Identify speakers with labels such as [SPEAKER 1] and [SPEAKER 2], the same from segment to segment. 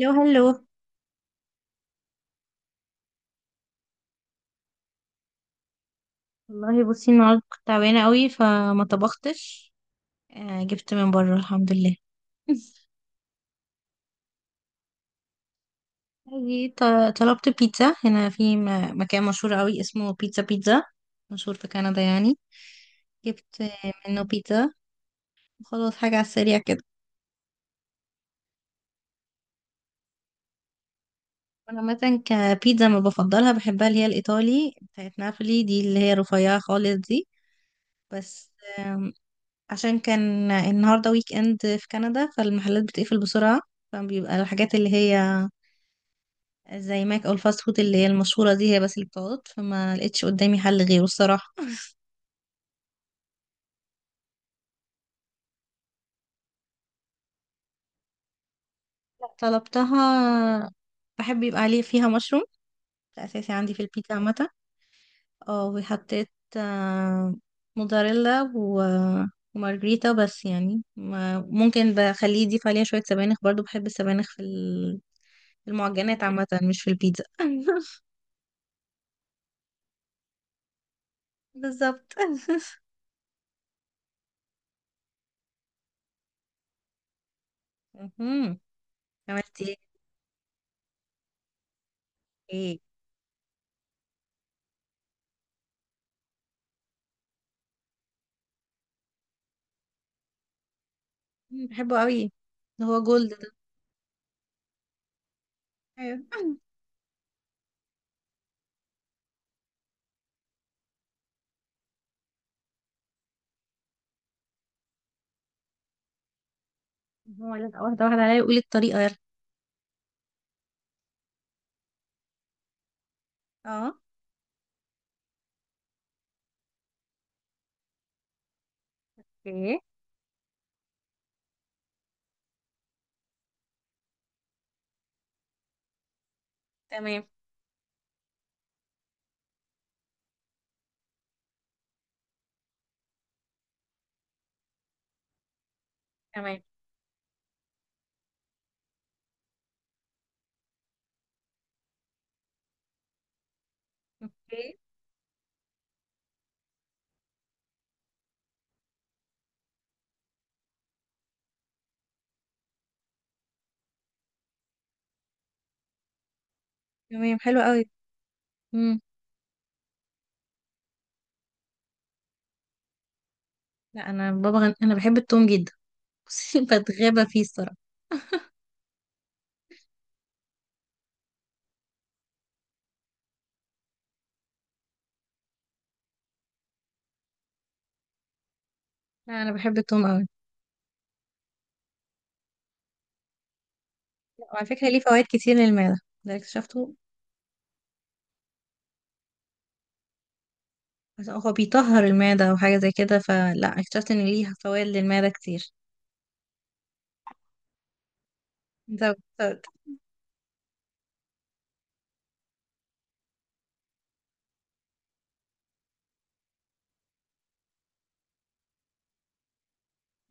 [SPEAKER 1] لو هلو. والله بصي، النهارده كنت تعبانه قوي فما طبختش. جبت من بره، الحمد لله. اجي طلبت بيتزا هنا في مكان مشهور قوي اسمه بيتزا بيتزا، مشهور في كندا يعني. جبت منه بيتزا. وخلاص حاجه على السريع كده. انا عامه كبيتزا ما بفضلها، بحبها اللي هي الايطالي بتاعت نابولي دي اللي هي رفيعه خالص دي. بس عشان كان النهاردة ويك اند في كندا فالمحلات بتقفل بسرعة، فبيبقى الحاجات اللي هي زي ماك او الفاست فود اللي هي المشهورة دي هي بس اللي بتقعد، فما لقيتش قدامي حل غيره الصراحة. طلبتها. بحب يبقى عليه فيها مشروم، ده اساسي عندي في البيتزا عامة. اه وحطيت، آه، موزاريلا ومارجريتا. بس يعني ممكن بخليه يضيف عليها شوية سبانخ، برضو بحب السبانخ في المعجنات عامة، مش في البيتزا. بالظبط. مهم. عملتي ايه؟ مم، بحبه قوي، اللي هو جولد ده. ايوه. هو لازقة واحدة واحدة عليا، وقولي الطريقة يلا. اه. اوكي. تمام. تمام. اوكي. تمام، حلو قوي. مم. لا انا انا بحب التوم جدا. بصي، بتغابى فيه الصراحة. لا انا بحب التوم قوي. لا، وعلى فكرة ليه فوائد كتير للمعدة، ده اكتشفته. عشان هو بيطهر المعدة او حاجة زي كده، فلا اكتشفت ان ليه فوائد للمعدة كتير. انت بت-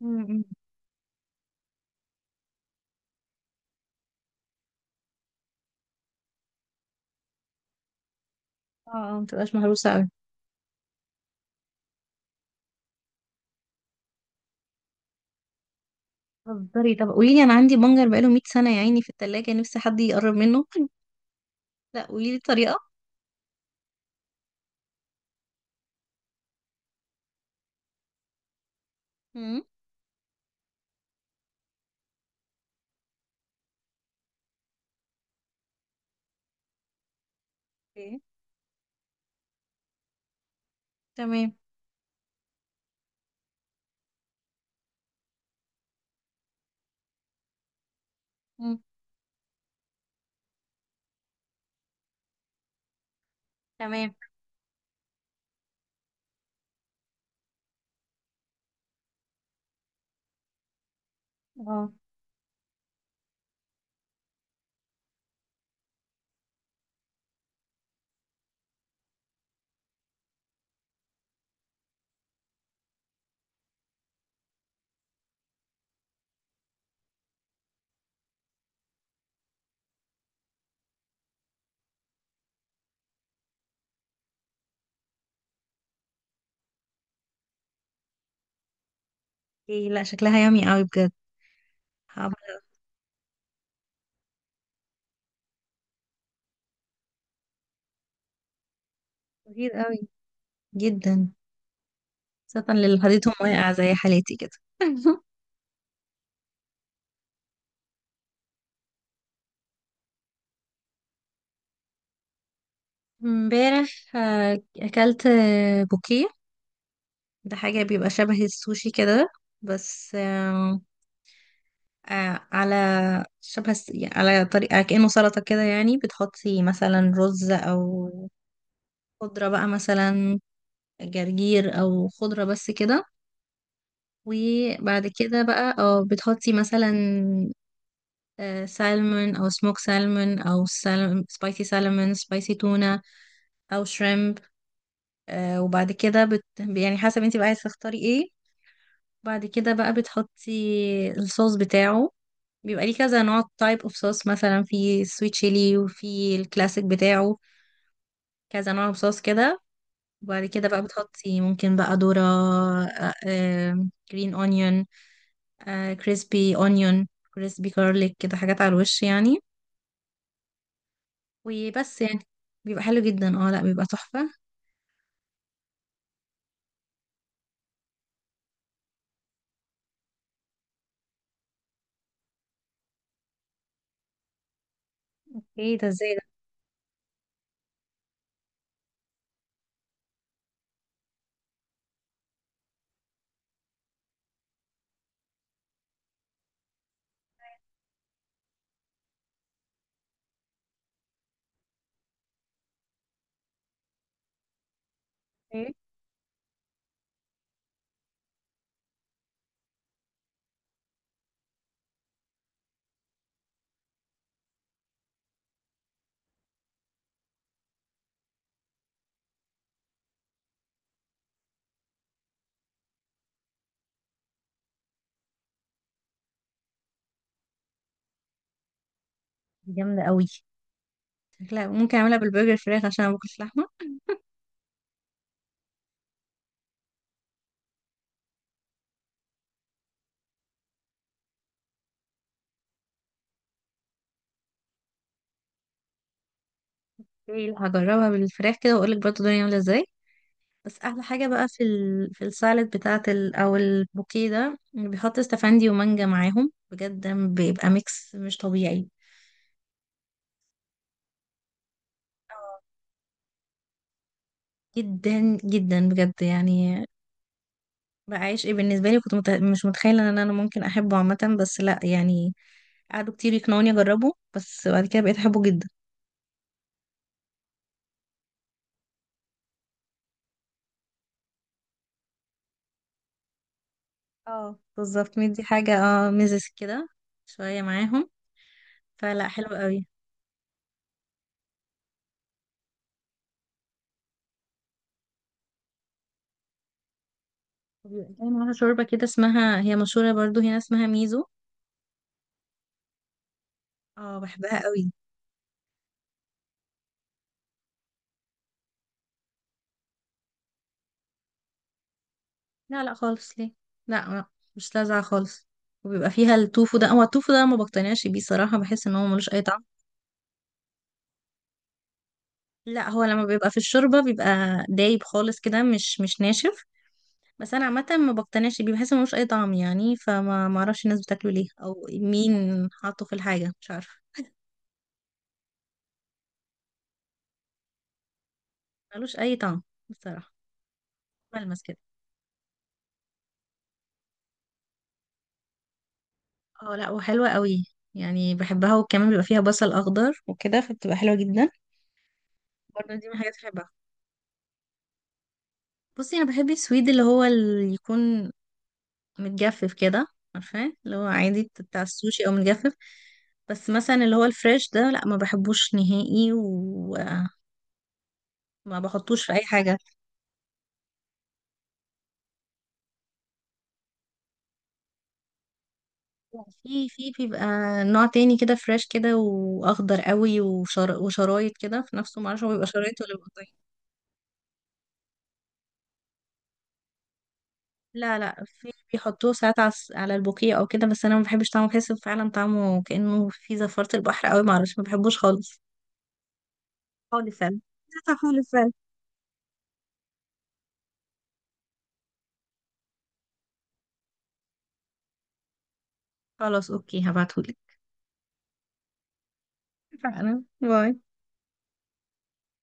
[SPEAKER 1] مم، مم. اه، ما تبقاش مهروسة قوي. بتهزري؟ طب قولي لي، انا عندي بنجر بقاله 100 سنه يا عيني في التلاجة، نفسي حد يقرب منه. لا قولي لي الطريقه. امم. اوكي. تمام. امم. تمام. اه. اوكي. لا شكلها يامي قوي بجد. هعمل. كتير قوي، جدا، خاصه للي حديثهم واقع زي حالتي كده. امبارح، اكلت بوكيه. ده حاجه بيبقى شبه السوشي كده. بس على يعني على طريقة كأنه سلطة كده، يعني بتحطي مثلا رز أو خضرة بقى، مثلا جرجير أو خضرة بس كده. وبعد كده بقى اه بتحطي مثلا سالمون أو سموك سالمون أو سبايسي سالمون، سبايسي تونة، أو شريمب. وبعد كده بت يعني حسب انتي بقى عايزة تختاري ايه. بعد كده بقى بتحطي الصوص بتاعه، بيبقى ليه كذا نوع، تايب اوف صوص، مثلا في سويت شيلي وفي الكلاسيك بتاعه، كذا نوع صوص كده. وبعد كده بقى بتحطي ممكن بقى ذرة، جرين اونيون، كريسبي اونيون، كريسبي كارليك، كده حاجات على الوش يعني. وبس يعني بيبقى حلو جدا، اه لا بيبقى تحفة. ايه ده؟ ازاي ده؟ ايه، دي جامدة قوي، شكلها ممكن اعملها بالبرجر فراخ عشان انا باكلش لحمة. ايه لا، هجربها بالفراخ كده واقول لك برضه الدنيا عاملة ازاي. بس احلى حاجة بقى في في السالاد بتاعت او البوكيه ده، بيحط استفندي ومانجا معاهم بجد، بيبقى ميكس مش طبيعي. جدا جدا بجد يعني. بعيش ايه، بالنسبه لي كنت مش متخيله ان انا ممكن احبه عامه، بس لا يعني قعدوا كتير يقنعوني اجربه، بس بعد كده بقيت احبه جدا. اه بالظبط، مدي حاجه اه ميزز كده، شويه معاهم. فلا حلو قوي. وبيبقى كمان معاها شوربه كده اسمها، هي مشهوره برضو هنا، اسمها ميزو. اه بحبها قوي. لا لا خالص، ليه؟ لا لا، مش لاذعه خالص. وبيبقى فيها التوفو ده، هو التوفو ده ما بقتنعش بيه صراحه، بحس ان هو ملوش اي طعم. لا هو لما بيبقى في الشوربة بيبقى دايب خالص كده، مش ناشف. بس انا عامة ما بقتنعش بيه، بحس إن ملوش اي طعم يعني، فما ما اعرفش الناس بتاكله ليه او مين حاطه في الحاجة، مش عارفة. ملوش اي طعم بصراحة. ملمس كده. اه لا وحلوة قوي يعني، بحبها. وكمان بيبقى فيها بصل اخضر وكده فبتبقى حلوة جدا. برضه دي من الحاجات اللي بحبها. بصي انا بحب السويد اللي هو اللي يكون متجفف كده، عارفاه اللي هو عادي بتاع السوشي او متجفف. بس مثلا اللي هو الفريش ده لا ما بحبوش نهائي، وما بحطوش في اي حاجه. في بيبقى نوع تاني كده، فريش كده واخضر قوي وشرايط كده في نفسه، معرفش هو بيبقى شرايط ولا بيبقى قطعين. لا لا، في بيحطوه ساعات على على البوكيه او كده. بس انا ما بحبش طعمه، بحس فعلا طعمه كانه في زفاره البحر قوي، معرفش ما بحبوش خالص. خالص فعلا. خالص فعلا. خلاص اوكي، هبعتهولك. فعلا، باي.